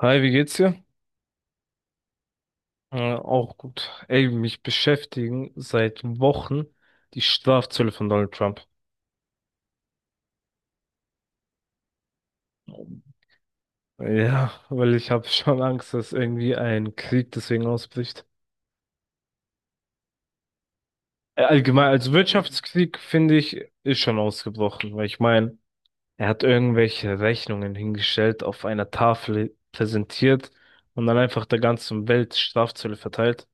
Hi, wie geht's dir? Auch gut. Ey, mich beschäftigen seit Wochen die Strafzölle von Donald Trump. Ja, weil ich habe schon Angst, dass irgendwie ein Krieg deswegen ausbricht. Allgemein, als Wirtschaftskrieg finde ich, ist schon ausgebrochen, weil ich meine, er hat irgendwelche Rechnungen hingestellt, auf einer Tafel präsentiert und dann einfach der ganzen Welt Strafzölle verteilt.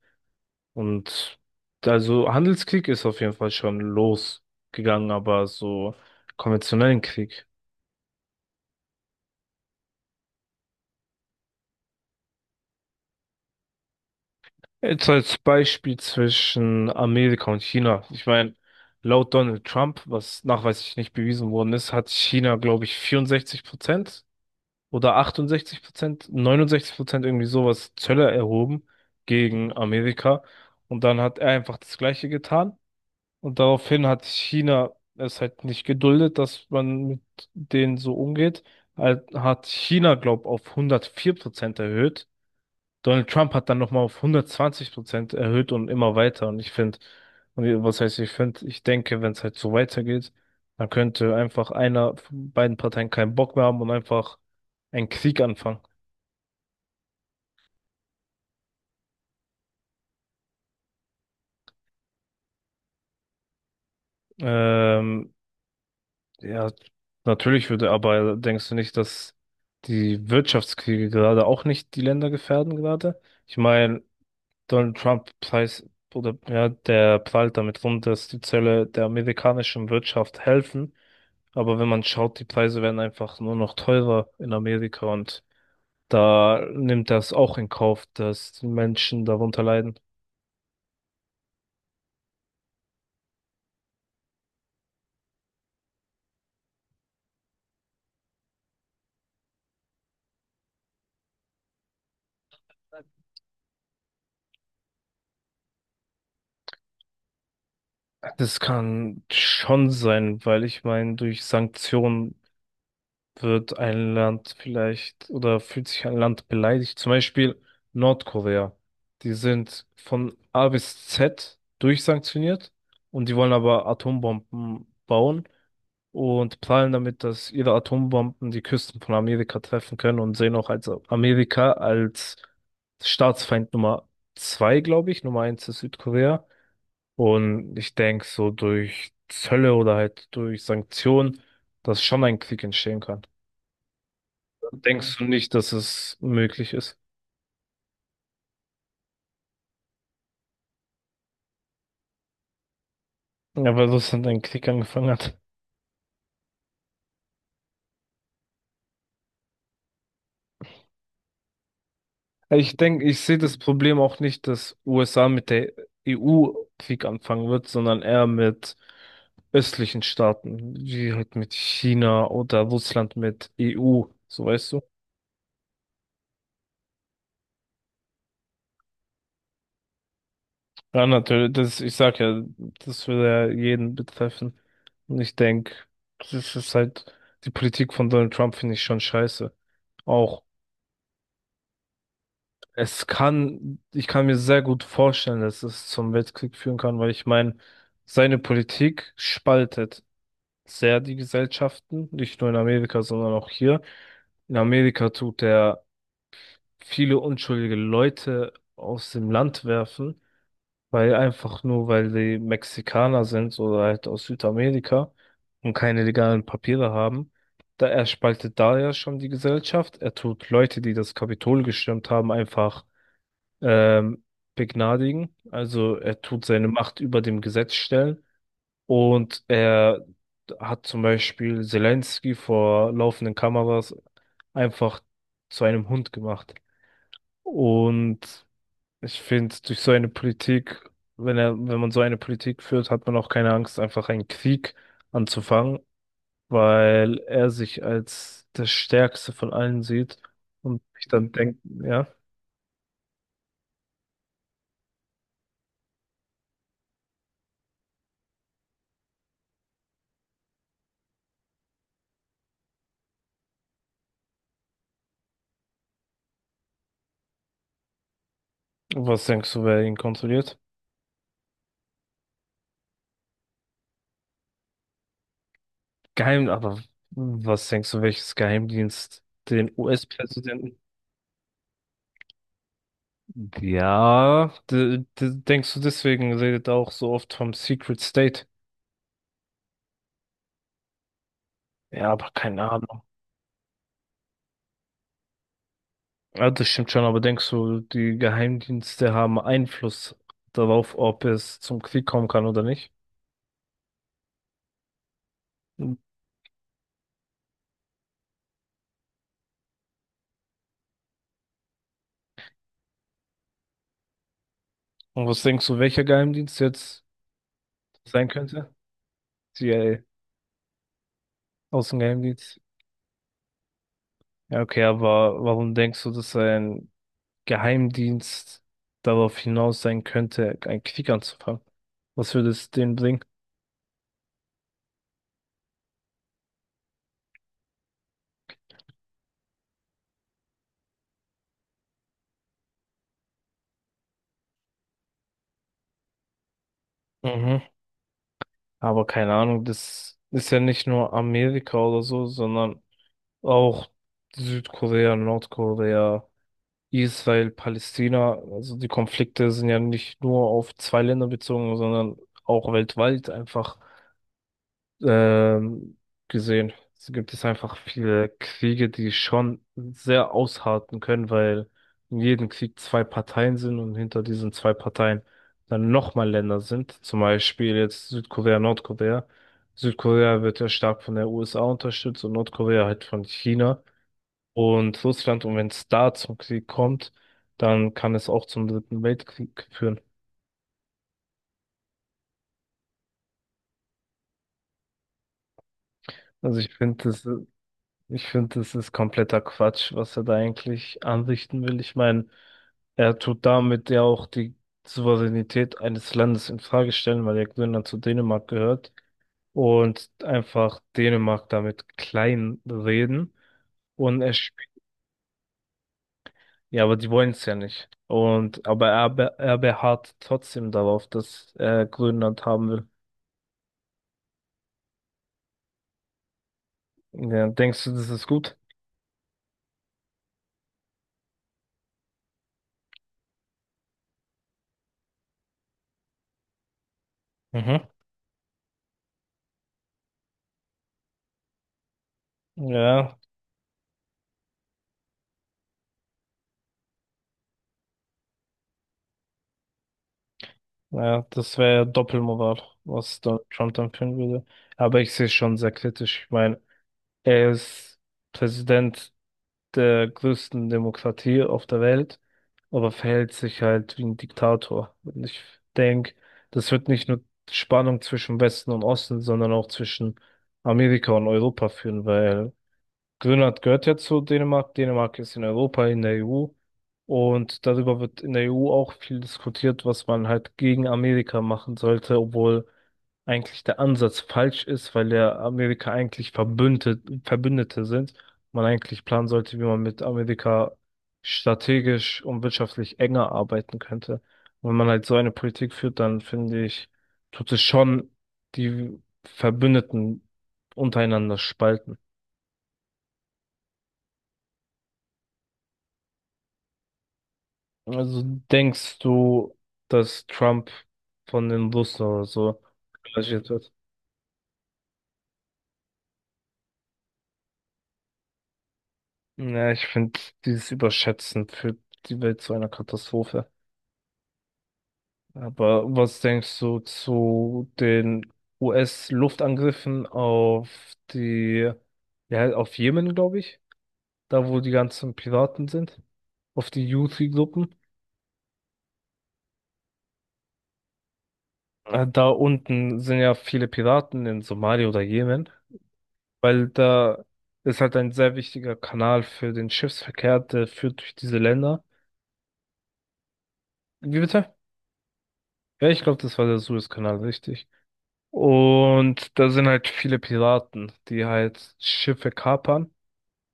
Und also Handelskrieg ist auf jeden Fall schon losgegangen, aber so konventionellen Krieg. Jetzt als Beispiel zwischen Amerika und China. Ich meine, laut Donald Trump, was nachweislich nicht bewiesen worden ist, hat China, glaube ich, 64% oder 68%, 69% irgendwie sowas Zölle erhoben gegen Amerika. Und dann hat er einfach das Gleiche getan. Und daraufhin hat China es halt nicht geduldet, dass man mit denen so umgeht. Hat China, glaub, auf 104% erhöht. Donald Trump hat dann nochmal auf 120% erhöht und immer weiter. Und ich finde, und was heißt ich finde, ich denke, wenn es halt so weitergeht, dann könnte einfach einer von beiden Parteien keinen Bock mehr haben und einfach einen Krieg anfangen. Ähm, Ja, natürlich würde, aber denkst du nicht, dass die Wirtschaftskriege gerade auch nicht die Länder gefährden gerade? Ich meine, Donald Trump preis oder ja, der prahlt damit rum, dass die Zölle der amerikanischen Wirtschaft helfen. Aber wenn man schaut, die Preise werden einfach nur noch teurer in Amerika und da nimmt das auch in Kauf, dass die Menschen darunter leiden. Das kann schon sein, weil ich meine, durch Sanktionen wird ein Land vielleicht oder fühlt sich ein Land beleidigt. Zum Beispiel Nordkorea. Die sind von A bis Z durchsanktioniert und die wollen aber Atombomben bauen und prahlen damit, dass ihre Atombomben die Küsten von Amerika treffen können und sehen auch als Amerika als Staatsfeind Nummer 2, glaube ich. Nummer 1 ist Südkorea. Und ich denke, so durch Zölle oder halt durch Sanktionen, dass schon ein Krieg entstehen kann. Denkst du nicht, dass es möglich ist? Ja, weil das dann ein Krieg angefangen hat. Ich denke, ich sehe das Problem auch nicht, dass USA mit der EU Krieg anfangen wird, sondern eher mit östlichen Staaten, wie halt mit China oder Russland mit EU, so weißt du. Ja, natürlich, das, ich sag ja, das würde ja jeden betreffen. Und ich denke, das ist halt, die Politik von Donald Trump finde ich schon scheiße. Auch Es kann, ich kann mir sehr gut vorstellen, dass es zum Weltkrieg führen kann, weil ich meine, seine Politik spaltet sehr die Gesellschaften, nicht nur in Amerika, sondern auch hier. In Amerika tut er viele unschuldige Leute aus dem Land werfen, weil einfach nur, weil die Mexikaner sind oder halt aus Südamerika und keine legalen Papiere haben. Da er spaltet da ja schon die Gesellschaft. Er tut Leute, die das Kapitol gestürmt haben, einfach ähm, begnadigen. Also er tut seine Macht über dem Gesetz stellen und er hat zum Beispiel Zelensky vor laufenden Kameras einfach zu einem Hund gemacht. Und ich finde, durch so eine Politik, wenn er, wenn man so eine Politik führt, hat man auch keine Angst, einfach einen Krieg anzufangen, weil er sich als das Stärkste von allen sieht und ich dann denke, ja, was denkst du, wer ihn kontrolliert? Aber was denkst du, welches Geheimdienst den US-Präsidenten? Ja, denkst du deswegen redet er auch so oft vom Secret State? Ja, aber keine Ahnung. Ja, das stimmt schon, aber denkst du, die Geheimdienste haben Einfluss darauf, ob es zum Krieg kommen kann oder nicht? Und was denkst du, welcher Geheimdienst jetzt sein könnte? CIA, Außengeheimdienst. Ja, okay, aber warum denkst du, dass ein Geheimdienst darauf hinaus sein könnte, einen Krieg anzufangen. Was würde es denen bringen? Mhm. Aber keine Ahnung, das ist ja nicht nur Amerika oder so, sondern auch Südkorea, Nordkorea, Israel, Palästina. Also die Konflikte sind ja nicht nur auf zwei Länder bezogen, sondern auch weltweit einfach. ähm, Gesehen. Es gibt es einfach viele Kriege, die schon sehr ausharten können, weil in jedem Krieg zwei Parteien sind und hinter diesen zwei Parteien dann nochmal Länder sind. Zum Beispiel jetzt Südkorea, Nordkorea. Südkorea wird ja stark von der USA unterstützt und Nordkorea halt von China und Russland. Und wenn es da zum Krieg kommt, dann kann es auch zum Dritten Weltkrieg führen. Also ich finde, das Ich finde, das ist kompletter Quatsch, was er da eigentlich anrichten will. Ich meine, er tut damit ja auch die Souveränität eines Landes in Frage stellen, weil ja Grönland zu Dänemark gehört und einfach Dänemark damit klein reden. Und er, sp- ja, aber die wollen es ja nicht. Er beharrt trotzdem darauf, dass er Grönland haben will. Ja, denkst du, das ist gut? Mhm. Ja, ja, das wäre ja Doppelmoral, was Donald Trump dann führen würde. Aber ich sehe es schon sehr kritisch. Ich meine, er ist Präsident der größten Demokratie auf der Welt, aber verhält sich halt wie ein Diktator. Und ich denke, das wird nicht nur Spannung zwischen Westen und Osten, sondern auch zwischen Amerika und Europa führen, weil Grönland gehört ja zu Dänemark. Dänemark ist in Europa, in der EU. Und darüber wird in der EU auch viel diskutiert, was man halt gegen Amerika machen sollte, obwohl eigentlich der Ansatz falsch ist, weil ja Amerika eigentlich Verbündete, Verbündete sind. Man eigentlich planen sollte, wie man mit Amerika strategisch und wirtschaftlich enger arbeiten könnte. Und wenn man halt so eine Politik führt, dann finde ich, tut es schon die Verbündeten untereinander spalten. Also denkst du, dass Trump von den Russen oder so engagiert wird? Ja, ich finde dieses Überschätzen führt die Welt zu einer Katastrophe. Aber was denkst du zu den US-Luftangriffen auf die, ja, auf Jemen, glaube ich, da wo die ganzen Piraten sind, auf die Houthi-Gruppen? Da unten sind ja viele Piraten in Somalia oder Jemen. Weil da ist halt ein sehr wichtiger Kanal für den Schiffsverkehr, der führt durch diese Länder. Wie bitte? Ja, ich glaube, das war der Suezkanal, richtig. Und da sind halt viele Piraten, die halt Schiffe kapern,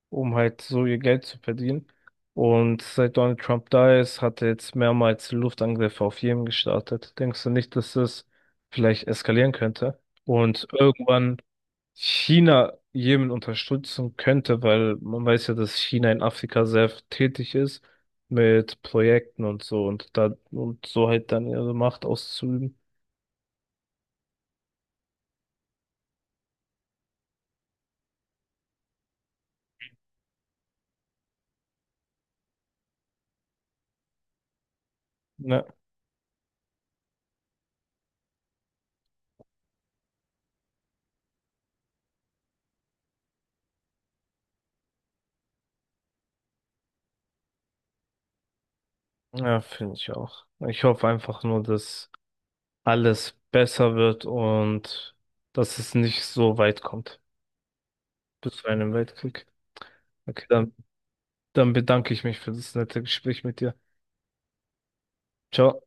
um halt so ihr Geld zu verdienen. Und seit Donald Trump da ist, hat er jetzt mehrmals Luftangriffe auf Jemen gestartet. Denkst du nicht, dass das vielleicht eskalieren könnte? Und irgendwann China Jemen unterstützen könnte, weil man weiß ja, dass China in Afrika sehr tätig ist mit Projekten und so und da und so halt dann ihre Macht auszuüben. Ja, ja, finde ich auch. Ich hoffe einfach nur, dass alles besser wird und dass es nicht so weit kommt bis zu einem Weltkrieg. Okay, dann, dann bedanke ich mich für das nette Gespräch mit dir. Ciao.